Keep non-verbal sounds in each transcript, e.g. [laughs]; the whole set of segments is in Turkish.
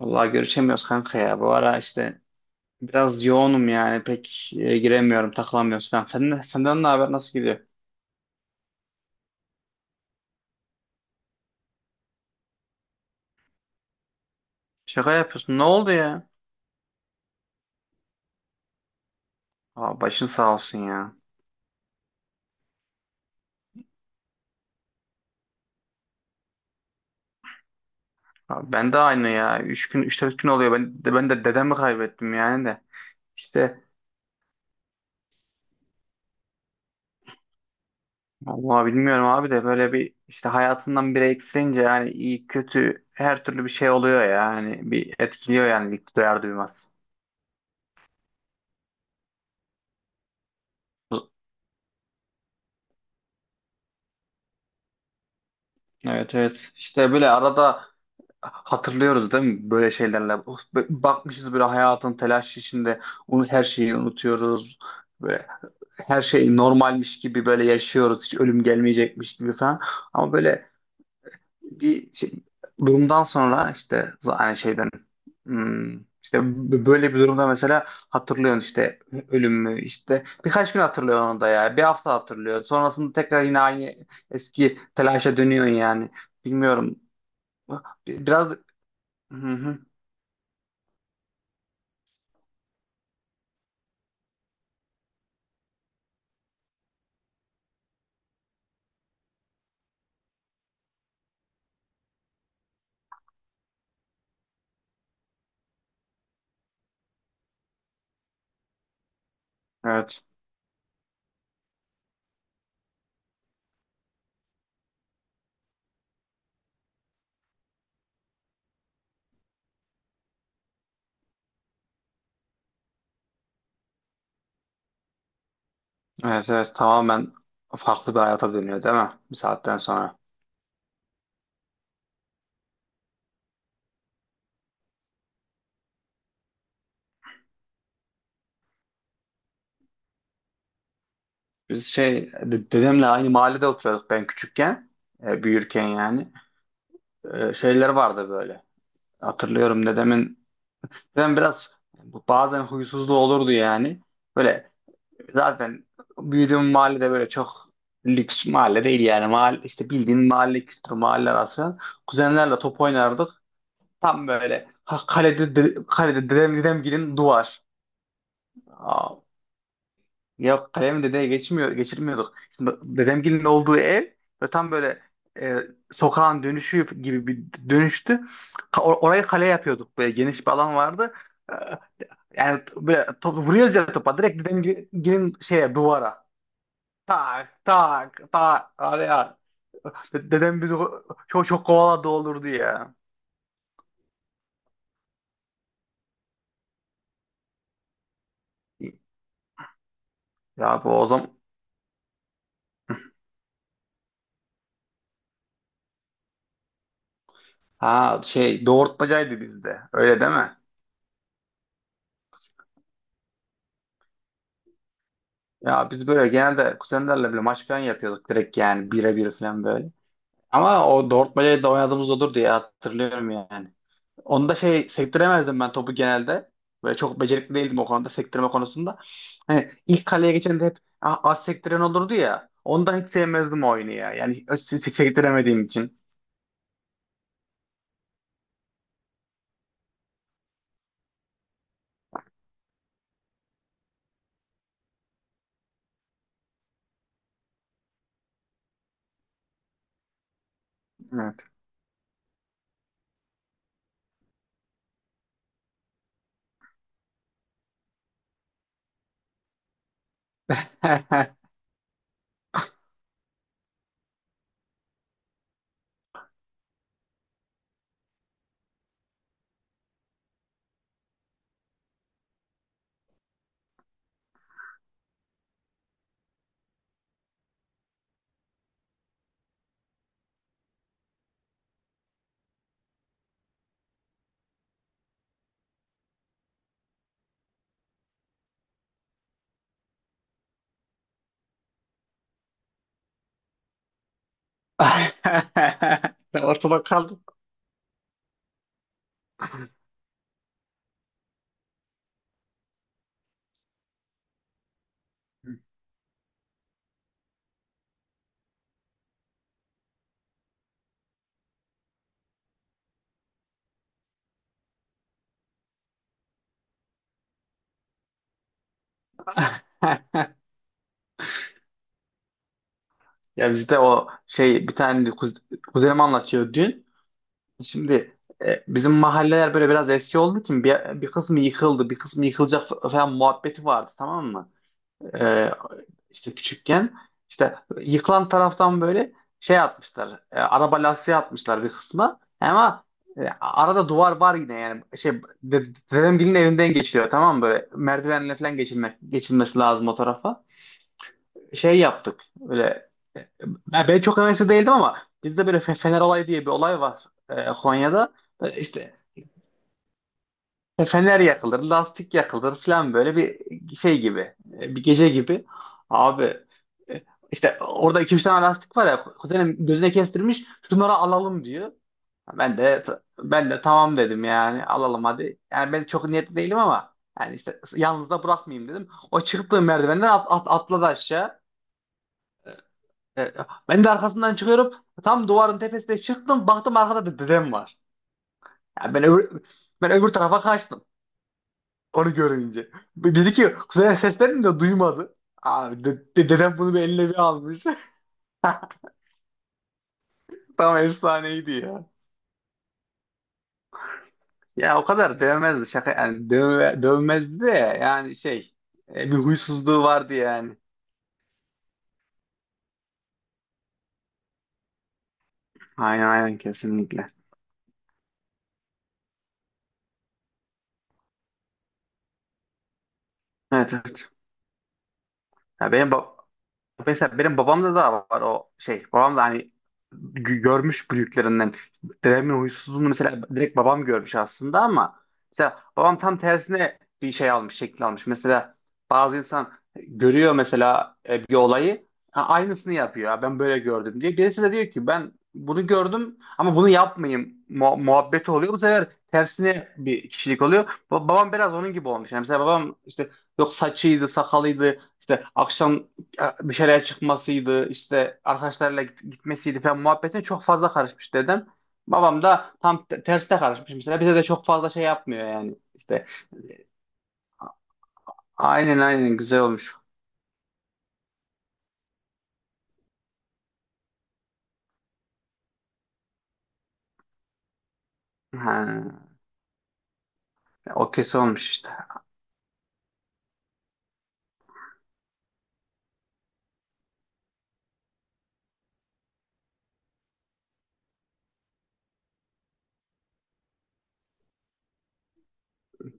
Vallahi görüşemiyoruz kanka ya. Bu ara işte biraz yoğunum yani. Pek giremiyorum, takılamıyoruz falan. Senden ne haber? Nasıl gidiyor? Şaka yapıyorsun. Ne oldu ya? Aa, başın sağ olsun ya. Abi ben de aynı ya. Üç gün, üç dört gün oluyor. Ben de dedemi kaybettim yani de. İşte vallahi bilmiyorum abi de böyle bir işte hayatından biri eksilince yani iyi kötü her türlü bir şey oluyor ya. Yani bir etkiliyor yani ilk duyar duymaz. Evet evet. İşte böyle arada hatırlıyoruz değil mi böyle şeylerle? Of, bakmışız böyle hayatın telaşı içinde onu her şeyi unutuyoruz. Böyle her şey normalmiş gibi böyle yaşıyoruz. Hiç ölüm gelmeyecekmiş gibi falan. Ama böyle bir şey, durumdan sonra işte yani şeyden işte böyle bir durumda mesela hatırlıyorsun işte ölümü işte birkaç gün hatırlıyorsun onu da ya bir hafta hatırlıyorsun sonrasında tekrar yine aynı eski telaşa dönüyorsun yani bilmiyorum biraz. Hı hı. Evet. Evet evet tamamen farklı bir hayata dönüyor değil mi? Bir saatten sonra. Biz dedemle aynı mahallede oturuyorduk ben küçükken. Büyürken yani. Şeyler vardı böyle. Hatırlıyorum dedemin. Dedem biraz bazen huysuzluğu olurdu yani. Böyle zaten büyüdüğüm mahallede böyle çok lüks mahalle değil yani. Mahalle, işte bildiğin mahalle kültürü mahalle arası falan. Kuzenlerle top oynardık. Tam böyle kalede, kalede dedem dedemgilin duvar. Yok kalem dedeye geçmiyor, geçirmiyorduk. Şimdi dedemgilin olduğu ev ve tam böyle e, sokağın dönüşü gibi bir dönüştü. Orayı kale yapıyorduk. Böyle geniş bir alan vardı. E, yani böyle top, vuruyoruz ya topa. Direkt dedemgilin şeye duvara. Tak tak tak araya. Dedem bizi çok çok kovaladı olurdu ya. Ya bu o zaman ha şey doğurtmacaydı bizde. Öyle değil mi? Ya biz böyle genelde kuzenlerle bile maç falan yapıyorduk direkt yani birebir falan böyle. Ama o Dortmund'a da oynadığımız olur diye hatırlıyorum yani. Onu da şey sektiremezdim ben topu genelde. Böyle çok becerikli değildim o konuda sektirme konusunda. Hani ilk kaleye geçen de hep "Ah, az sektiren olurdu ya. Ondan hiç sevmezdim o oyunu ya. Yani sektiremediğim için. Evet. [laughs] Ortada kaldım. [laughs] Ya bizde o şey bir tane kuzenim anlatıyor dün. Şimdi bizim mahalleler böyle biraz eski olduğu için bir kısmı yıkıldı, bir kısmı yıkılacak falan muhabbeti vardı tamam mı? E, işte küçükken işte yıkılan taraftan böyle şey atmışlar, araba lastiği atmışlar bir kısmı. Ama arada duvar var yine yani şey dedem birinin evinden geçiliyor tamam mı böyle merdivenle falan geçilmek geçilmesi lazım o tarafa. Şey yaptık böyle e, ben çok hevesli değildim ama bizde böyle fener olayı diye bir olay var Konya'da. İşte. Fener yakılır, lastik yakılır falan böyle bir şey gibi, bir gece gibi. Abi e, işte orada iki üç tane lastik var ya, kuzenim gözüne kestirmiş, şunları alalım diyor. Ben de ben de tamam dedim yani alalım hadi. Yani ben çok niyetli değilim ama yani işte yalnız da bırakmayayım dedim. O çıktığı merdivenden atladı aşağı. E, Ben de arkasından çıkıyorum. Tam duvarın tepesine çıktım, baktım arkada da dedem var. Yani ben öbür tarafa kaçtım. Onu görünce. Dedi ki kuzeye seslerini de duymadı. Abi dedem bunu bir eline bir almış. [laughs] Tam efsaneydi ya. Ya o kadar dövmezdi şaka yani dövmezdi de yani şey bir huysuzluğu vardı yani. Aynen aynen kesinlikle. Evet evet. Ya benim bab- Mesela benim babamda da var o şey. Babam da hani görmüş büyüklerinden. Dedemin huysuzluğunu mesela direkt babam görmüş aslında ama mesela babam tam tersine bir şey almış, şekil almış. Mesela bazı insan görüyor mesela bir olayı, "Ha, aynısını yapıyor." "Ha, ben böyle gördüm" diye. Birisi de diyor ki ben bunu gördüm ama bunu yapmayayım muhabbeti oluyor. Bu sefer tersine bir kişilik oluyor. Babam biraz onun gibi olmuş. Yani mesela babam işte yok saçıydı, sakalıydı, işte akşam ya dışarıya çıkmasıydı, işte arkadaşlarla gitmesiydi falan muhabbete çok fazla karışmış dedem. Babam da tam terste karışmış mesela. Bize de çok fazla şey yapmıyor yani. İşte aynen aynen güzel olmuş. Ha, o kesin olmuş işte.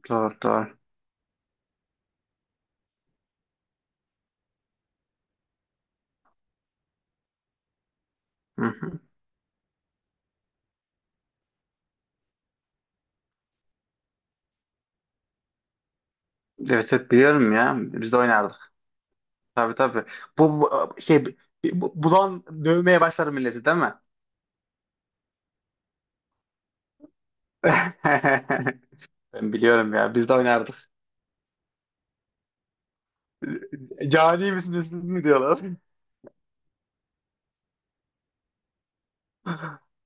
Doğru doğru. Hı hı. Evet hep biliyorum ya. Biz de oynardık. Tabii tabii. Bu, bu- şey bulan dövmeye başlar milleti değil mi? [laughs] Ben biliyorum ya. Biz de oynardık. Cani misiniz siz mi diyorlar. [laughs]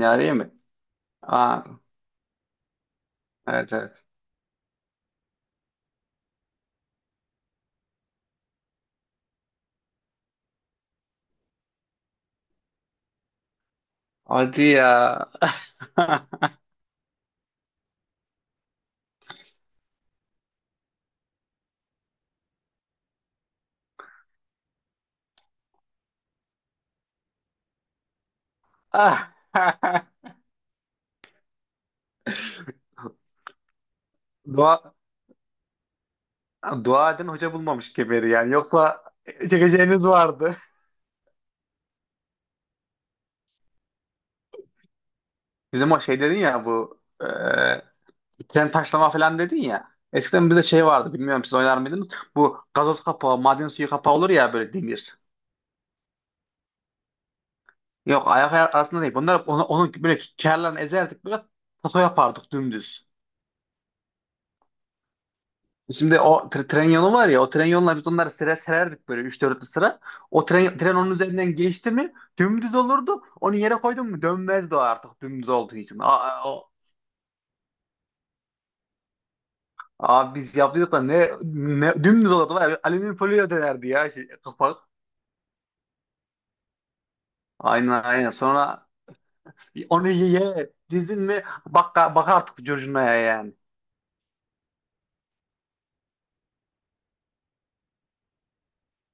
Cani mi? Aa, evet evet. Hadi ya. [laughs] Ah. [laughs] Dua, dua edin hoca bulmamış kemeri yani. Yoksa çekeceğiniz vardı. Bizim o şey dedin ya bu tren taşlama falan dedin ya. Eskiden bizde şey vardı bilmiyorum siz oynar mıydınız? Bu gazoz kapağı, maden suyu kapağı olur ya böyle demir. Yok ayak arasında değil. Bunlar onu böyle kârlarını ezerdik böyle taso yapardık dümdüz. Şimdi o tren yolu var ya o tren yoluna biz onları sıra sererdik böyle üç 4 sıra. O tren onun üzerinden geçti mi dümdüz olurdu. Onu yere koydun mu dönmezdi o artık dümdüz olduğu için. Aa, aa, o, abi biz yaptıydık da ne dümdüz olurdu var ya alüminyum folyo dönerdi ya şey, kapak. Aynen aynen sonra onu yere dizdin mi bak, bak artık curcunaya yani.